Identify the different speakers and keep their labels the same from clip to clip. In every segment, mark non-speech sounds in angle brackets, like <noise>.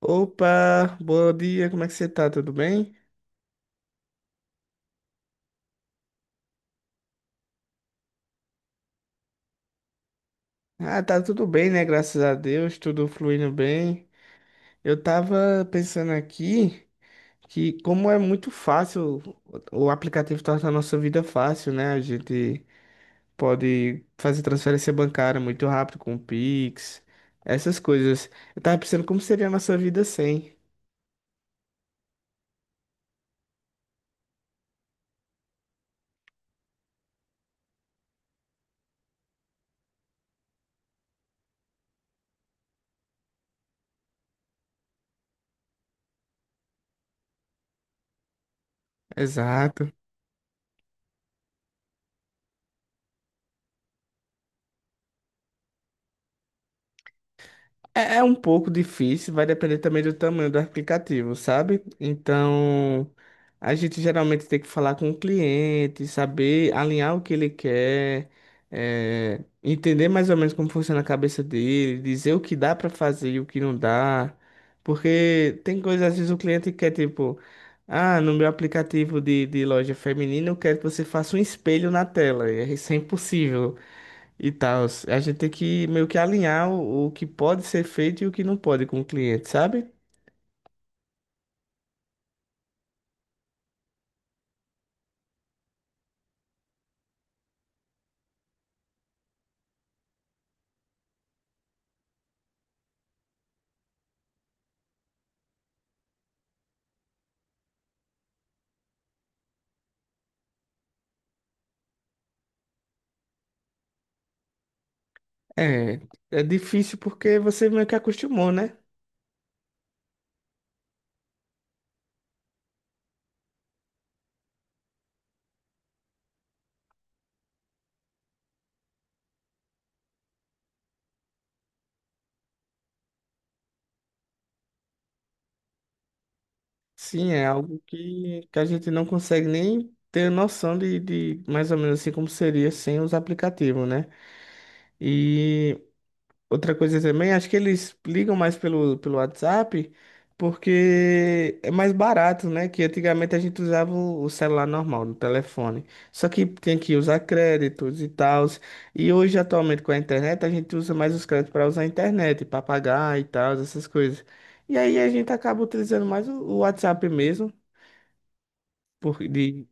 Speaker 1: Opa, bom dia, como é que você tá? Tudo bem? Ah, tá tudo bem, né? Graças a Deus, tudo fluindo bem. Eu tava pensando aqui que como é muito fácil, o aplicativo torna a nossa vida fácil, né? A gente pode fazer transferência bancária muito rápido com o Pix, essas coisas. Eu tava pensando como seria a nossa vida sem. Exato. É um pouco difícil, vai depender também do tamanho do aplicativo, sabe? Então, a gente geralmente tem que falar com o cliente, saber alinhar o que ele quer, entender mais ou menos como funciona a cabeça dele, dizer o que dá para fazer e o que não dá. Porque tem coisas, às vezes o cliente quer, tipo, ah, no meu aplicativo de loja feminina eu quero que você faça um espelho na tela. E é isso é impossível e tal. A gente tem que meio que alinhar o que pode ser feito e o que não pode com o cliente, sabe? É, é difícil porque você meio que acostumou, né? Sim, é algo que a gente não consegue nem ter noção de mais ou menos assim como seria sem os aplicativos, né? E outra coisa também, acho que eles ligam mais pelo WhatsApp porque é mais barato, né? Que antigamente a gente usava o celular normal, no telefone. Só que tem que usar créditos e tal. E hoje, atualmente, com a internet, a gente usa mais os créditos para usar a internet, para pagar e tal, essas coisas. E aí a gente acaba utilizando mais o WhatsApp mesmo, por, de,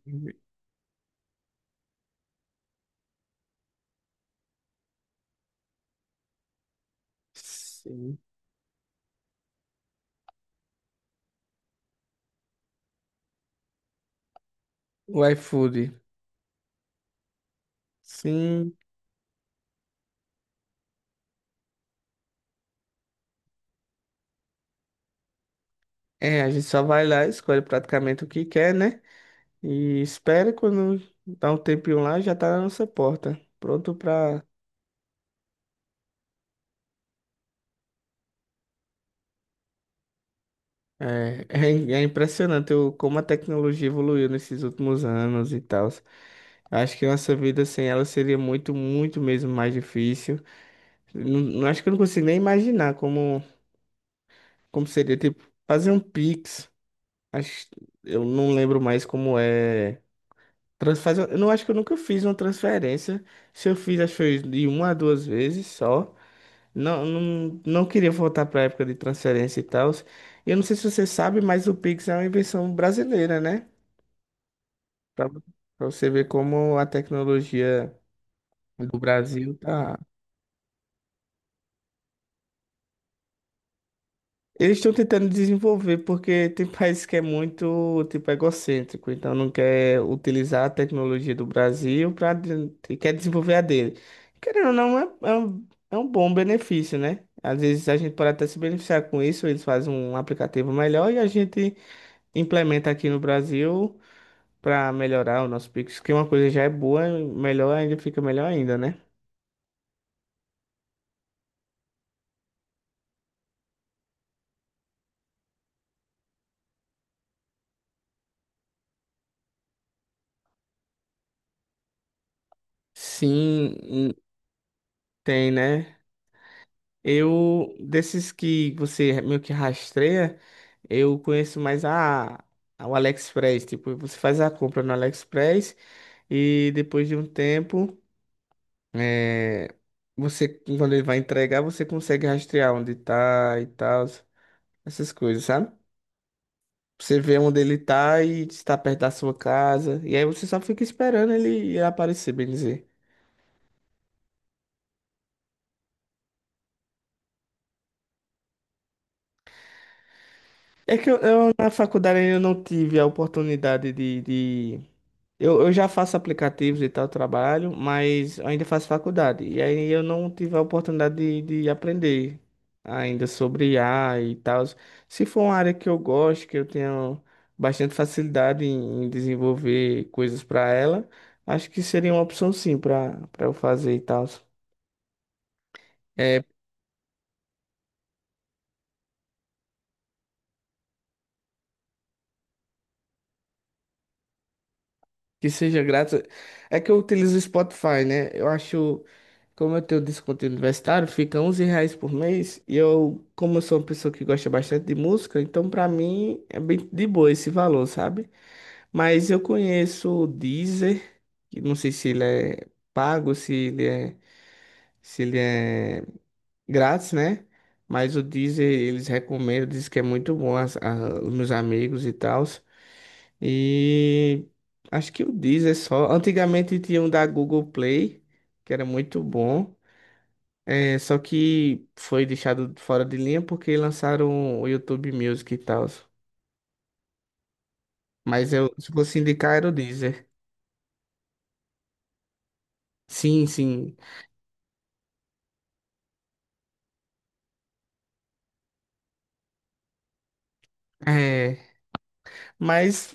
Speaker 1: Sim. O iFood. Sim, é, a gente só vai lá, e escolhe praticamente o que quer, né? E espere quando dá um tempinho lá, já tá na nossa porta. Pronto pra. É, <laughs> é, é impressionante o, como a tecnologia evoluiu nesses últimos anos e tal. Acho que nossa vida sem ela seria muito, muito mesmo mais difícil. Acho que eu não consigo nem imaginar como, como seria, tipo, fazer um Pix. Acho, eu não lembro mais como é. Eu não acho que eu nunca fiz uma transferência. Se eu fiz, acho que foi de uma a duas vezes só. Não, não, não queria voltar para a época de transferência e tal. Eu não sei se você sabe, mas o Pix é uma invenção brasileira, né? Para você ver como a tecnologia do Brasil tá. Eles estão tentando desenvolver porque tem <laughs> países que é muito, tipo, egocêntrico, então não quer utilizar a tecnologia do Brasil para quer desenvolver a dele. Querendo ou não, é um bom benefício, né? Às vezes a gente pode até se beneficiar com isso, eles fazem um aplicativo melhor e a gente implementa aqui no Brasil para melhorar o nosso Pix, que uma coisa já é boa, melhor ainda fica melhor ainda, né? Sim, hum. Tem, né? Eu, desses que você meio que rastreia, eu conheço mais o AliExpress. Tipo, você faz a compra no AliExpress e depois de um tempo, é, você, quando ele vai entregar, você consegue rastrear onde tá e tal, essas coisas, sabe? Você vê onde ele tá e se tá perto da sua casa. E aí você só fica esperando ele aparecer, bem dizer. É que na faculdade ainda não tive a oportunidade de... Eu já faço aplicativos e tal, trabalho, mas ainda faço faculdade. E aí eu não tive a oportunidade de aprender ainda sobre I a e tal. Se for uma área que eu gosto, que eu tenho bastante facilidade em desenvolver coisas para ela, acho que seria uma opção sim para eu fazer e tal. É, que seja grátis. É que eu utilizo o Spotify, né? Eu acho, como eu tenho desconto universitário, fica 11 reais por mês. E eu, como eu sou uma pessoa que gosta bastante de música, então pra mim é bem de boa esse valor, sabe? Mas eu conheço o Deezer, que não sei se ele é pago, se ele é grátis, né? Mas o Deezer eles recomendam, dizem que é muito bom os meus amigos e tal. E acho que o Deezer é só. Antigamente tinha um da Google Play, que era muito bom. É, só que foi deixado fora de linha porque lançaram o YouTube Music e tal. Mas eu, se fosse indicar, era o Deezer. Sim, sim. É, mas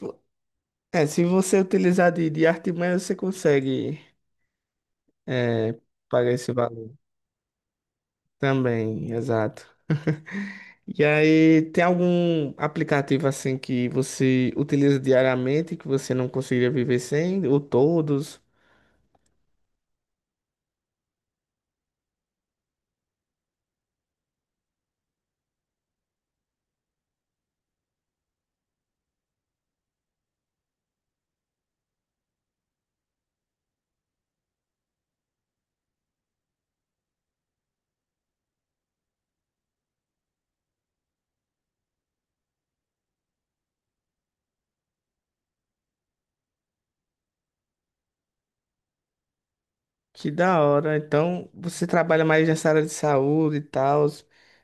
Speaker 1: se você utilizar de artimanha, você consegue é, pagar esse valor também, exato. E aí, tem algum aplicativo assim que você utiliza diariamente que você não conseguiria viver sem? Ou todos? Que da hora. Então, você trabalha mais nessa área de saúde e tal.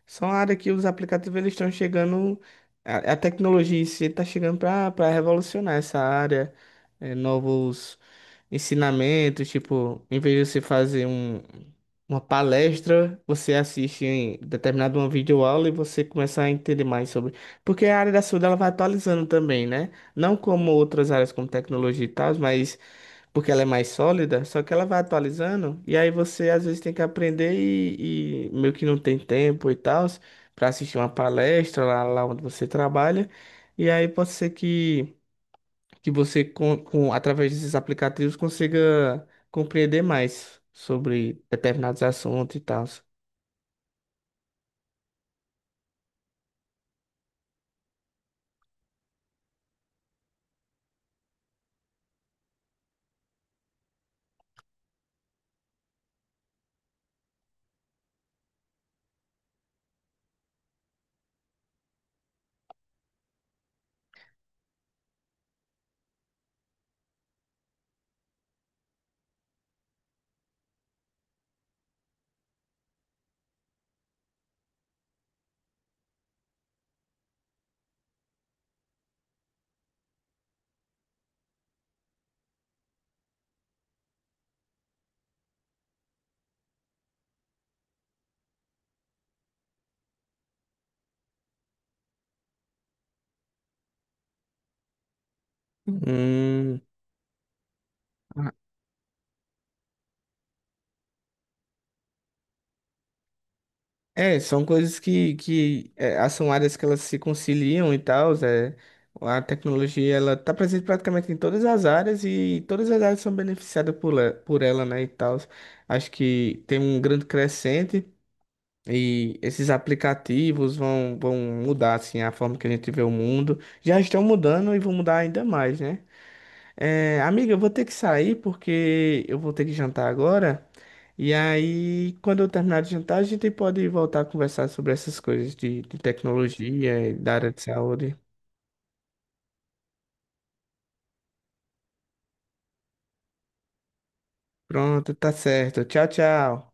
Speaker 1: São áreas que os aplicativos eles estão chegando. A tecnologia em si está chegando para revolucionar essa área. É, novos ensinamentos, tipo, em vez de você fazer uma palestra, você assiste em determinado uma videoaula e você começa a entender mais sobre. Porque a área da saúde ela vai atualizando também, né? Não como outras áreas como tecnologia e tal, mas porque ela é mais sólida, só que ela vai atualizando, e aí você às vezes tem que aprender e meio que não tem tempo e tal, para assistir uma palestra lá, lá onde você trabalha, e aí pode ser que você, através desses aplicativos, consiga compreender mais sobre determinados assuntos e tal. É, são coisas que são áreas que elas se conciliam e tal. É, a tecnologia ela tá presente praticamente em todas as áreas e todas as áreas são beneficiadas por, por ela, né, e tal. Acho que tem um grande crescente e esses aplicativos vão mudar assim a forma que a gente vê o mundo. Já estão mudando e vão mudar ainda mais, né? É, amiga, eu vou ter que sair porque eu vou ter que jantar agora. E aí, quando eu terminar de jantar, a gente pode voltar a conversar sobre essas coisas de tecnologia e da área de saúde. Pronto, tá certo. Tchau, tchau.